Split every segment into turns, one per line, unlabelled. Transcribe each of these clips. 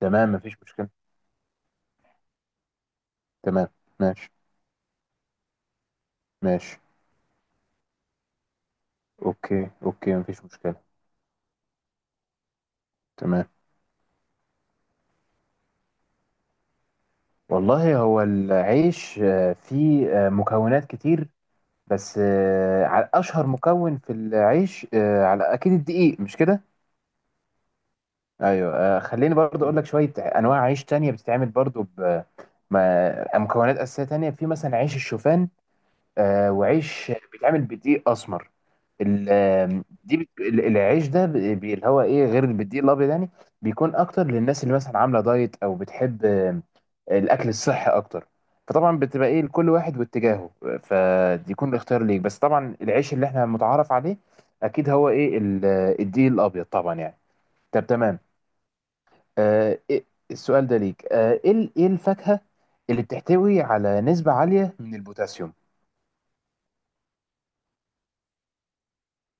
تمام، مفيش مشكلة. تمام. ماشي ماشي. اوكي اوكي، مفيش مشكلة. تمام. والله هو العيش فيه مكونات كتير. بس على اشهر مكون في العيش على اكيد الدقيق، مش كده؟ ايوه. خليني برضو اقول لك شوية انواع عيش تانية بتتعمل برضو مكونات اساسية تانية في مثلا عيش الشوفان. وعيش بيتعمل بدقيق اسمر. العيش ده اللي هو ايه غير البديل الابيض، يعني بيكون اكتر للناس اللي مثلا عامله دايت او بتحب الاكل الصحي اكتر. فطبعا بتبقى ايه، لكل واحد واتجاهه. فدي يكون الاختيار ليك، بس طبعا العيش اللي احنا متعارف عليه اكيد هو ايه الدقيق الابيض طبعا، يعني. طب، تمام. إيه السؤال ده ليك. ايه ايه الفاكهه اللي بتحتوي على نسبه عاليه من البوتاسيوم؟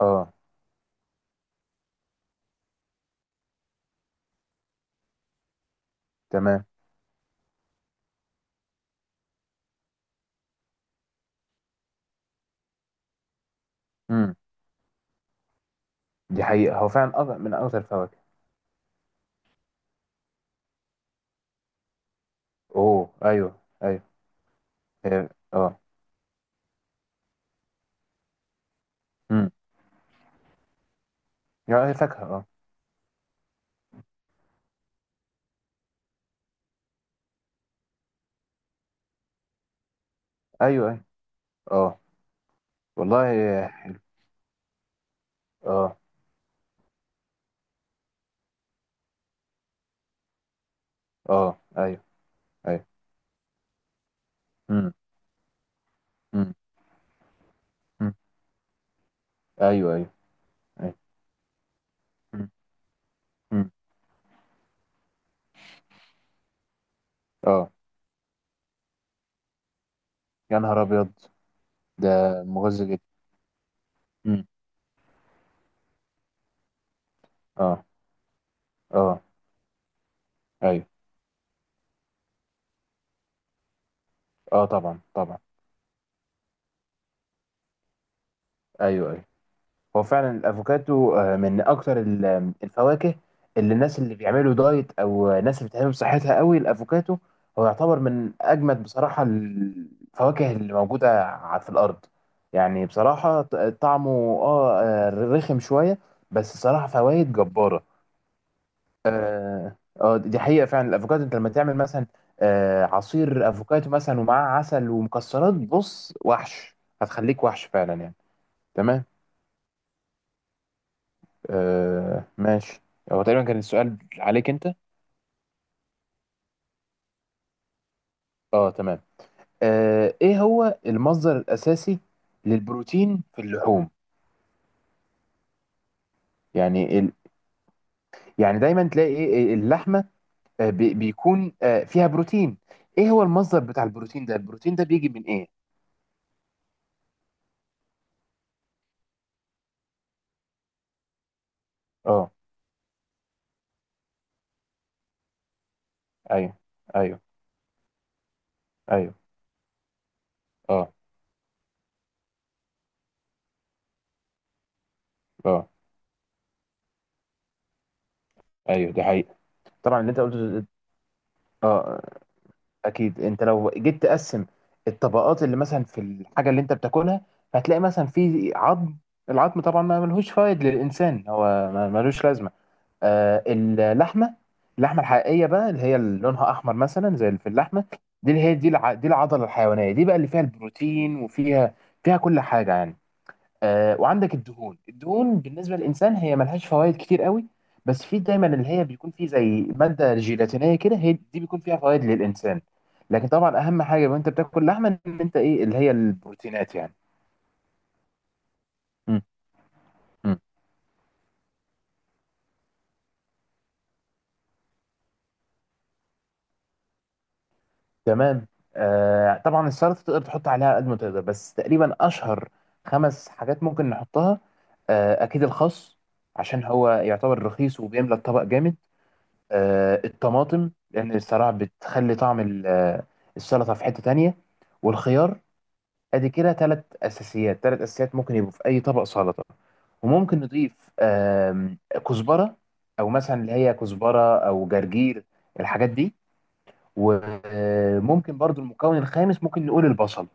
اه، تمام. امم دي حقيقه، هو فعلا من اكتر الفواكه. اوه، ايوه ايوه. هي، اه. امم. لا، هي فاكهة. اه. ايوه ايوه. اه، والله هي حلو. اه اه، ايوه ايوه. امم، امم، أمم. ايوه ايوه ايوه. أمم، أمم. اه. يا نهار ابيض! ده مغذي جدا. أمم. اه اه، ايوه. اه، طبعا طبعا. ايوه ايوه. هو فعلا الافوكاتو من اكتر الفواكه، الناس اللي بيعملوا دايت او ناس اللي بتهتم بصحتها قوي. الافوكاتو هو يعتبر من اجمد بصراحه الفواكه اللي موجوده في الارض. يعني بصراحه طعمه اه رخم شويه، بس صراحه فوائد جباره. اه، دي حقيقه. فعلا الافوكاتو انت لما تعمل مثلا عصير افوكاتو مثلا ومعاه عسل ومكسرات، بص وحش، هتخليك وحش فعلا، يعني. تمام. ماشي. هو تقريبا كان السؤال عليك انت. اه، تمام. ايه هو المصدر الاساسي للبروتين في اللحوم؟ يعني يعني دايما تلاقي ايه إيه، اللحمه بيكون فيها بروتين. ايه هو المصدر بتاع البروتين ده؟ البروتين ده بيجي من ايه؟ اه، ايوه ايوه ايوه، اه اه، ايوه. دي حقيقه. طبعا اللي انت قلته اه، اكيد انت لو جيت تقسم الطبقات اللي مثلا في الحاجه اللي انت بتاكلها، هتلاقي مثلا في عظم. العظم طبعا ما ملهوش فايد للانسان، هو ملوش لازمه. اللحمه، اللحمه الحقيقيه بقى، اللي هي اللي لونها احمر مثلا زي اللي في اللحمه، دي اللي هي دي العضله الحيوانيه دي بقى اللي فيها البروتين وفيها فيها كل حاجه، يعني. وعندك الدهون. الدهون بالنسبه للانسان هي ملهاش فوائد كتير قوي، بس في دايما اللي هي بيكون فيه زي ماده جيلاتينيه كده، هي دي بيكون فيها فوائد للانسان. لكن طبعا اهم حاجه وانت بتاكل لحمه ان انت ايه، اللي هي البروتينات، يعني. م. م. تمام. طبعا السلطه تقدر تحط عليها قد ما تقدر، بس تقريبا اشهر خمس حاجات ممكن نحطها. اكيد الخس، عشان هو يعتبر رخيص وبيملى الطبق جامد. الطماطم، لان الصراحه بتخلي طعم السلطه في حته تانية. والخيار. ادي كده ثلاث اساسيات، ثلاث اساسيات ممكن يبقوا في اي طبق سلطه. وممكن نضيف كزبره، او مثلا اللي هي كزبره او جرجير، الحاجات دي. وممكن برضو المكون الخامس ممكن نقول البصل.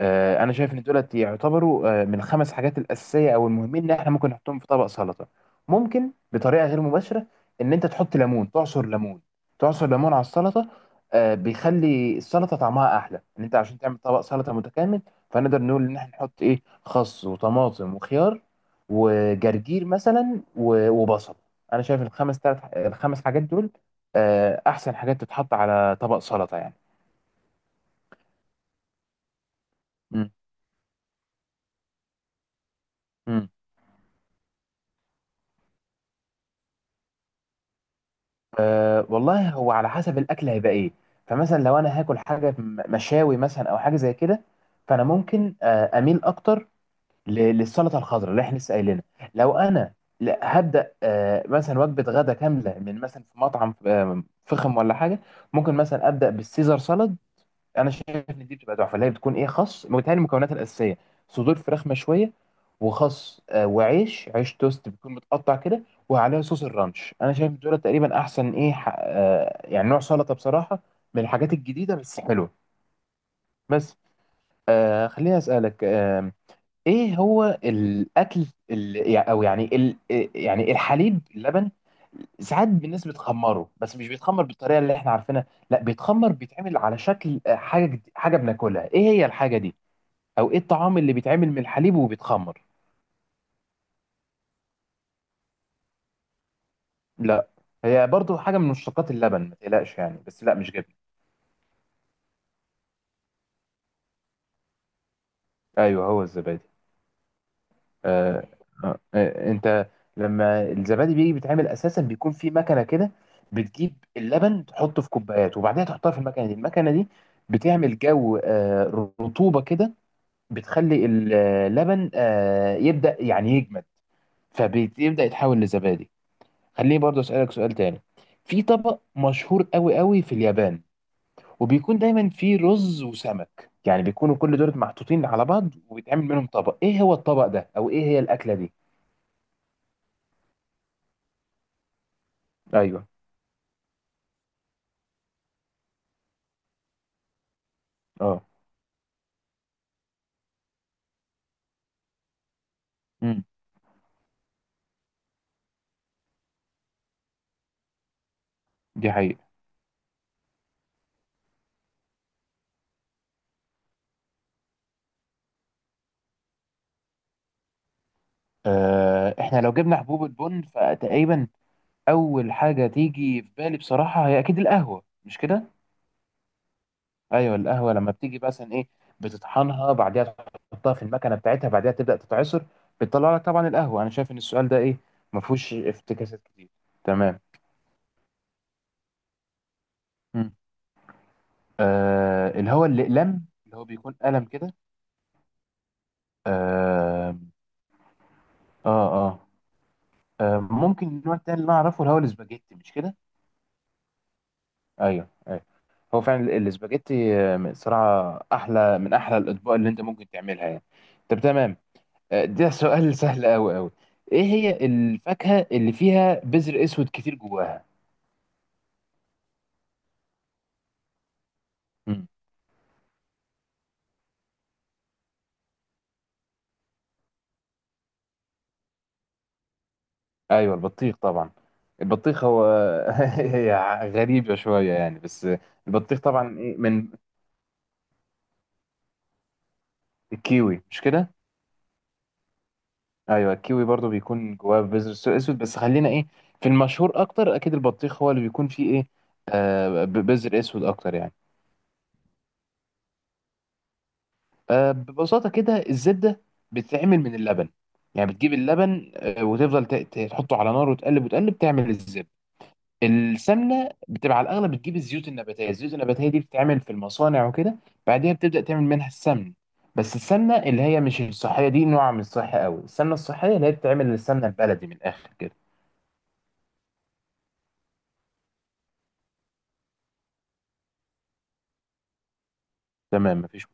انا شايف ان دولت يعتبروا من الخمس حاجات الاساسيه او المهمين ان احنا ممكن نحطهم في طبق سلطه. ممكن بطريقه غير مباشره ان انت تحط ليمون، تعصر ليمون على السلطه. بيخلي السلطه طعمها احلى، ان انت عشان تعمل طبق سلطه متكامل. فنقدر نقول ان احنا نحط ايه، خس وطماطم وخيار وجرجير مثلا وبصل. انا شايف الخمس حاجات دول احسن حاجات تتحط على طبق سلطه، يعني. مم. أه، والله هو على حسب الاكل هيبقى ايه. فمثلا لو انا هاكل حاجه مشاوي مثلا او حاجه زي كده، فانا ممكن اميل اكتر للسلطه الخضراء اللي احنا لسه قايلينها. لو انا هبدا مثلا وجبه غدا كامله من مثلا في مطعم فخم ولا حاجه، ممكن مثلا ابدا بالسيزر سالاد. انا شايف ان دي بتبقى تحفه، اللي هي بتكون ايه، خس، متهيألي المكونات الاساسيه، صدور فراخ مشويه وخس وعيش، توست بيكون متقطع كده، وعليها صوص الرانش. انا شايف دول تقريبا احسن ايه يعني نوع سلطه بصراحه، من الحاجات الجديده بس حلوه. بس خليني اسالك، ايه هو الاكل ال... يع- او يعني ال... إيه، يعني الحليب، اللبن، ساعات الناس بتخمره، بس مش بيتخمر بالطريقه اللي احنا عارفينها، لا، بيتخمر بيتعمل على شكل حاجه حاجه بناكلها. ايه هي الحاجه دي؟ او ايه الطعام اللي بيتعمل من الحليب وبيتخمر؟ لا، هي برضو حاجه من مشتقات اللبن، ما تقلقش يعني، بس لا، مش جبن. ايوه، هو الزبادي. آه، انت لما الزبادي بيجي بيتعمل اساسا، بيكون في مكنه كده. بتجيب اللبن تحطه في كوبايات وبعدين تحطها في المكنه دي. المكنه دي بتعمل جو رطوبه كده، بتخلي اللبن يبدا، يعني، يجمد، فبيبدا يتحول لزبادي. خليني برضه اسالك سؤال تاني. في طبق مشهور قوي قوي في اليابان، وبيكون دايما فيه رز وسمك، يعني بيكونوا كل دول محطوطين على بعض وبيتعمل منهم طبق. ايه هو الطبق ده، او ايه هي الاكله دي؟ ايوه. اه. امم دي حقيقة. احنا لو جبنا حبوب البن، فتقريبا اول حاجة تيجي في بالي بصراحة هي اكيد القهوة، مش كده؟ ايوه، القهوة لما بتيجي مثلا ايه، بتطحنها، بعدها تحطها في المكنة بتاعتها، بعدها تبدأ تتعصر، بتطلع لك طبعا القهوة. انا شايف ان السؤال ده ايه، ما فيهوش افتكاسات كتير. تمام. مم. اللي هو الاقلام، اللي هو بيكون قلم كده. آه, اه اه ممكن النوع التاني اللي انا اعرفه اللي هو الاسباجيتي، مش كده؟ ايوه أيوة. هو فعلا الاسباجيتي صراحة أحلى من أحلى الأطباق اللي أنت ممكن تعملها، يعني. طب، تمام. ده سؤال سهل أوي أوي. إيه هي الفاكهة اللي فيها بذر أسود كتير جواها؟ مم. أيوه، البطيخ طبعا. البطيخ هو هي غريبة شوية يعني، بس البطيخ طبعا إيه من، الكيوي مش كده؟ أيوه، الكيوي برضو بيكون جواه بذر أسود، بس خلينا إيه، في المشهور أكتر أكيد البطيخ، هو اللي بيكون فيه إيه بذر أسود أكتر، يعني. ببساطة كده الزبدة بتتعمل من اللبن. يعني بتجيب اللبن وتفضل تحطه على نار وتقلب وتقلب، تعمل الزبدة. السمنة بتبقى على الأغلب بتجيب الزيوت النباتية، الزيوت النباتية دي بتتعمل في المصانع وكده، بعدها بتبدأ تعمل منها السمن. بس السمنة اللي هي مش الصحية دي نوع من الصحة قوي. السمنة الصحية اللي هي بتتعمل السمنة البلدي، من الآخر كده. تمام، مفيش